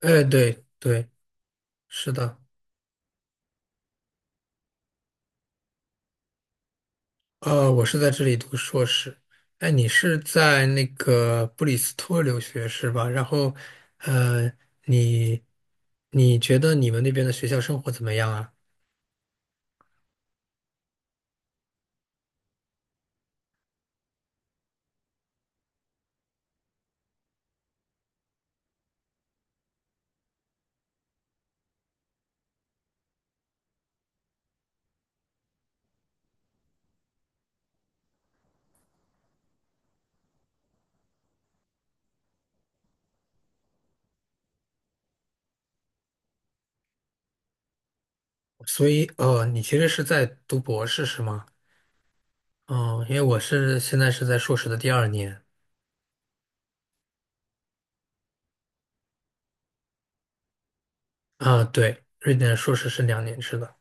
哎，对对，是的。我是在这里读硕士。哎，你是在那个布里斯托留学是吧？然后，呃，你你觉得你们那边的学校生活怎么样啊？所以，哦，你其实是在读博士是吗？哦，因为我是现在是在硕士的第二年。啊，对，瑞典硕士是两年制的。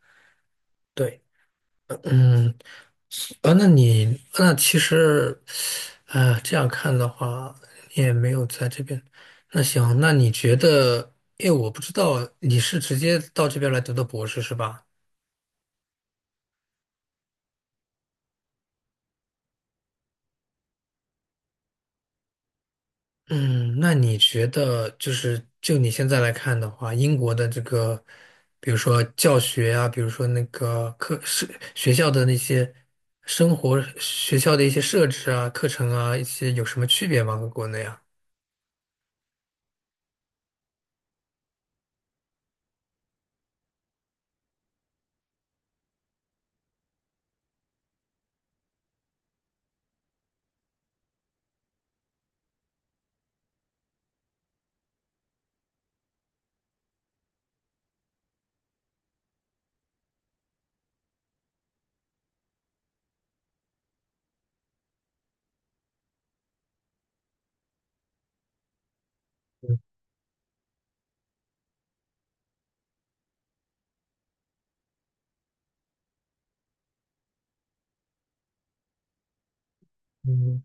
对，嗯，啊，那你那其实，啊，这样看的话，你也没有在这边。那行，那你觉得，因为我不知道你是直接到这边来读的博士是吧？嗯，那你觉得就你现在来看的话，英国的这个，比如说教学啊，比如说那个课是学校的那些生活学校的一些设置啊、课程啊，一些有什么区别吗？和国内啊？嗯。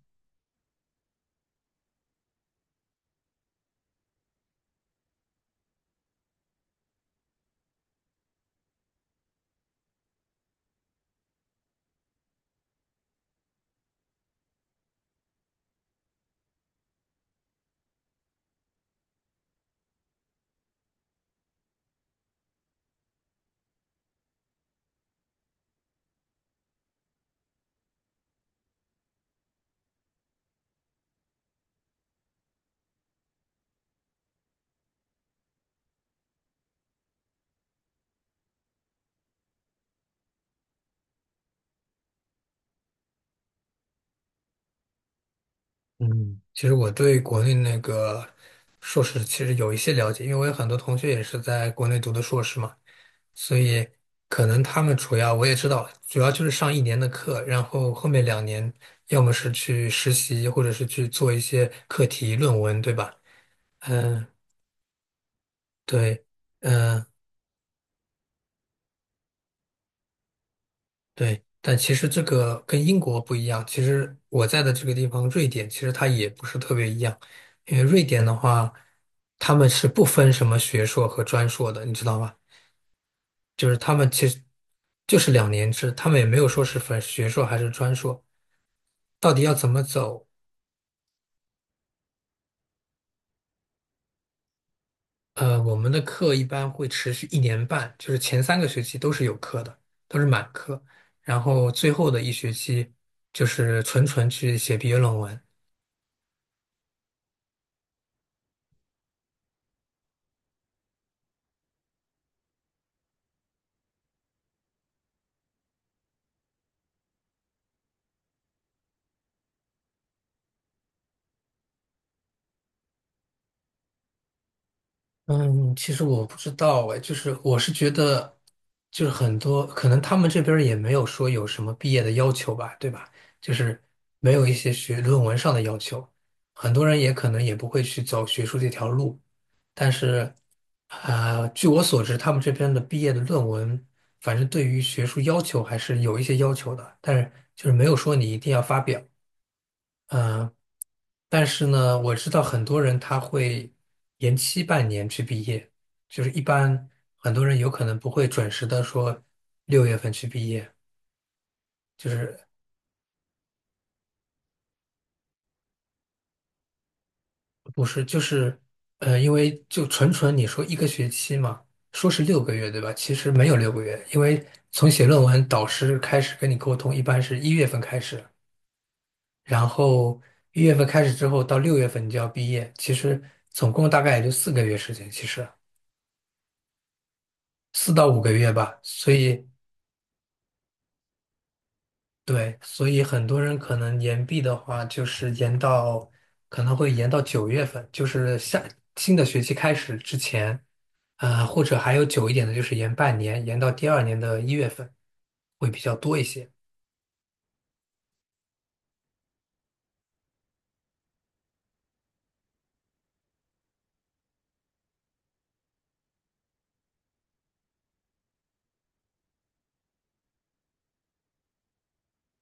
嗯。其实我对国内那个硕士其实有一些了解，因为我有很多同学也是在国内读的硕士嘛，所以可能他们主要我也知道，主要就是上一年的课，然后后面两年要么是去实习，或者是去做一些课题论文，对吧？嗯，对，嗯，对，但其实这个跟英国不一样。其实我在的这个地方，瑞典，其实它也不是特别一样，因为瑞典的话，他们是不分什么学硕和专硕的，你知道吗？就是他们其实就是两年制，他们也没有说是分学硕还是专硕，到底要怎么走？我们的课一般会持续一年半，就是前3个学期都是有课的，都是满课，然后最后的一学期就是纯纯去写毕业论文。嗯，其实我不知道哎，就是我是觉得，就是很多可能他们这边儿也没有说有什么毕业的要求吧，对吧？就是没有一些学论文上的要求，很多人也可能也不会去走学术这条路。但是，据我所知，他们这边的毕业的论文，反正对于学术要求还是有一些要求的，但是就是没有说你一定要发表。嗯，但是呢，我知道很多人他会延期半年去毕业，就是一般很多人有可能不会准时的说六月份去毕业，就是不是就是因为就纯纯你说一个学期嘛，说是六个月对吧？其实没有六个月，因为从写论文导师开始跟你沟通，一般是一月份开始，然后一月份开始之后到六月份你就要毕业，其实总共大概也就4个月时间，其实。4到5个月吧，所以对，所以很多人可能延毕的话，就是延到可能会延到9月份，就是下新的学期开始之前，或者还有久一点的，就是延半年，延到第二年的一月份会比较多一些。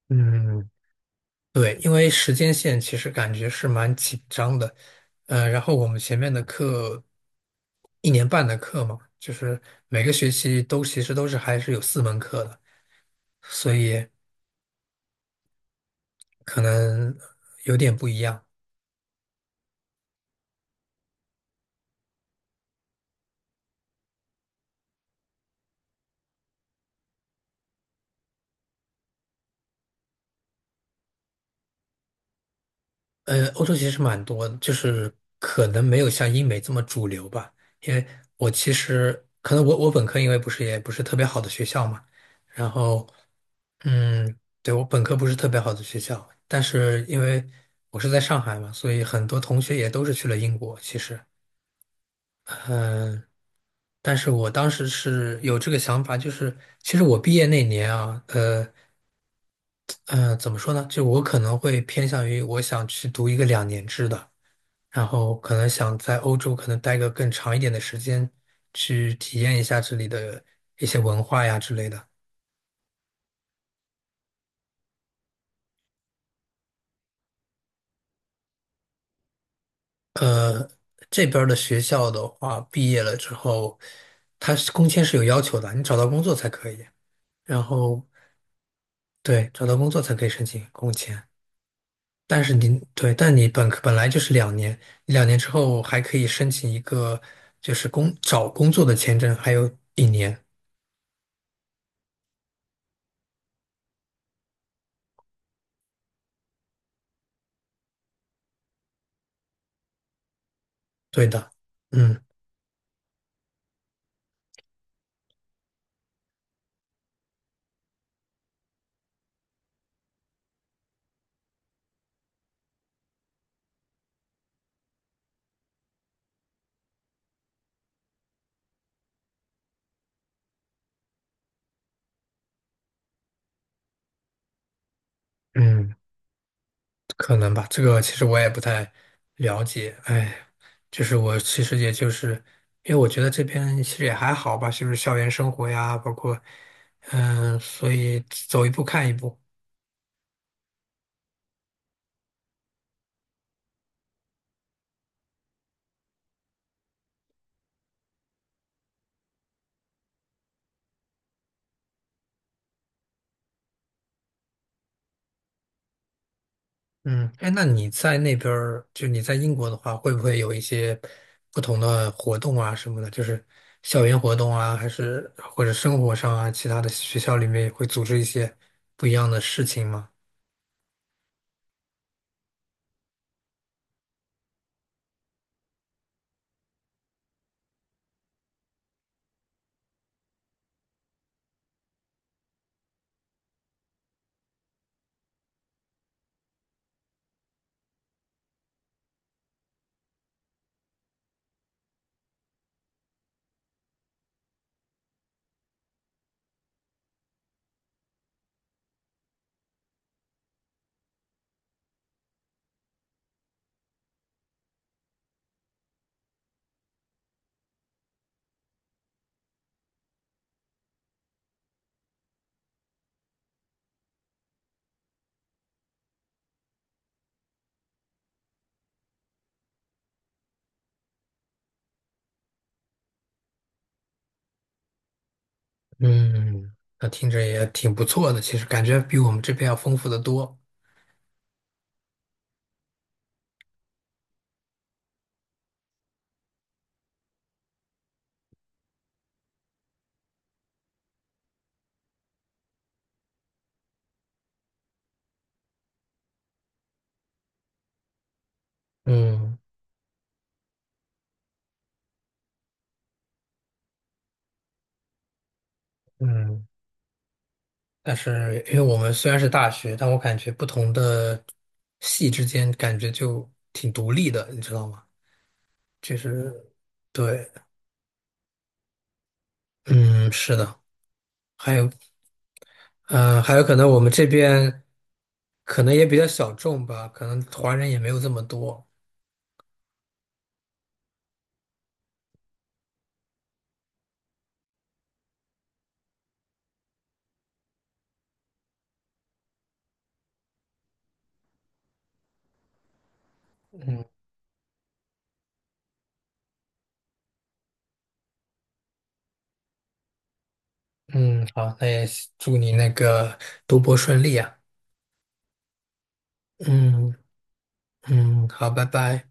嗯，对，因为时间线其实感觉是蛮紧张的，然后我们前面的课一年半的课嘛，就是每个学期都其实都是还是有4门课的。所以可能有点不一样。欧洲其实蛮多的就是可能没有像英美这么主流吧。因为我其实可能我本科因为不是也不是特别好的学校嘛，然后嗯，对，我本科不是特别好的学校，但是因为我是在上海嘛，所以很多同学也都是去了英国。其实，嗯、但是我当时是有这个想法，就是其实我毕业那年啊，嗯，怎么说呢？就我可能会偏向于我想去读一个两年制的，然后可能想在欧洲可能待个更长一点的时间，去体验一下这里的一些文化呀之类的。呃，这边儿的学校的话，毕业了之后，它是工签是有要求的，你找到工作才可以。然后对，找到工作才可以申请工签。但是您对，但你本科本来就是两年，两年之后还可以申请一个就是找工作的签证，还有一年。对的，嗯嗯，可能吧，这个其实我也不太了解。哎，就是我其实也就是因为我觉得这边其实也还好吧，就是校园生活呀，包括所以走一步看一步。嗯，哎，那你在那边儿，就你在英国的话，会不会有一些不同的活动啊什么的？就是校园活动啊，还是或者生活上啊，其他的学校里面也会组织一些不一样的事情吗？嗯，那听着也挺不错的，其实感觉比我们这边要丰富的多。嗯嗯，但是因为我们虽然是大学，但我感觉不同的系之间感觉就挺独立的，你知道吗？就是对，嗯，是的。还有，嗯，还有可能我们这边可能也比较小众吧，可能华人也没有这么多。嗯，好，那也祝你那个读博顺利啊。嗯嗯，好，拜拜。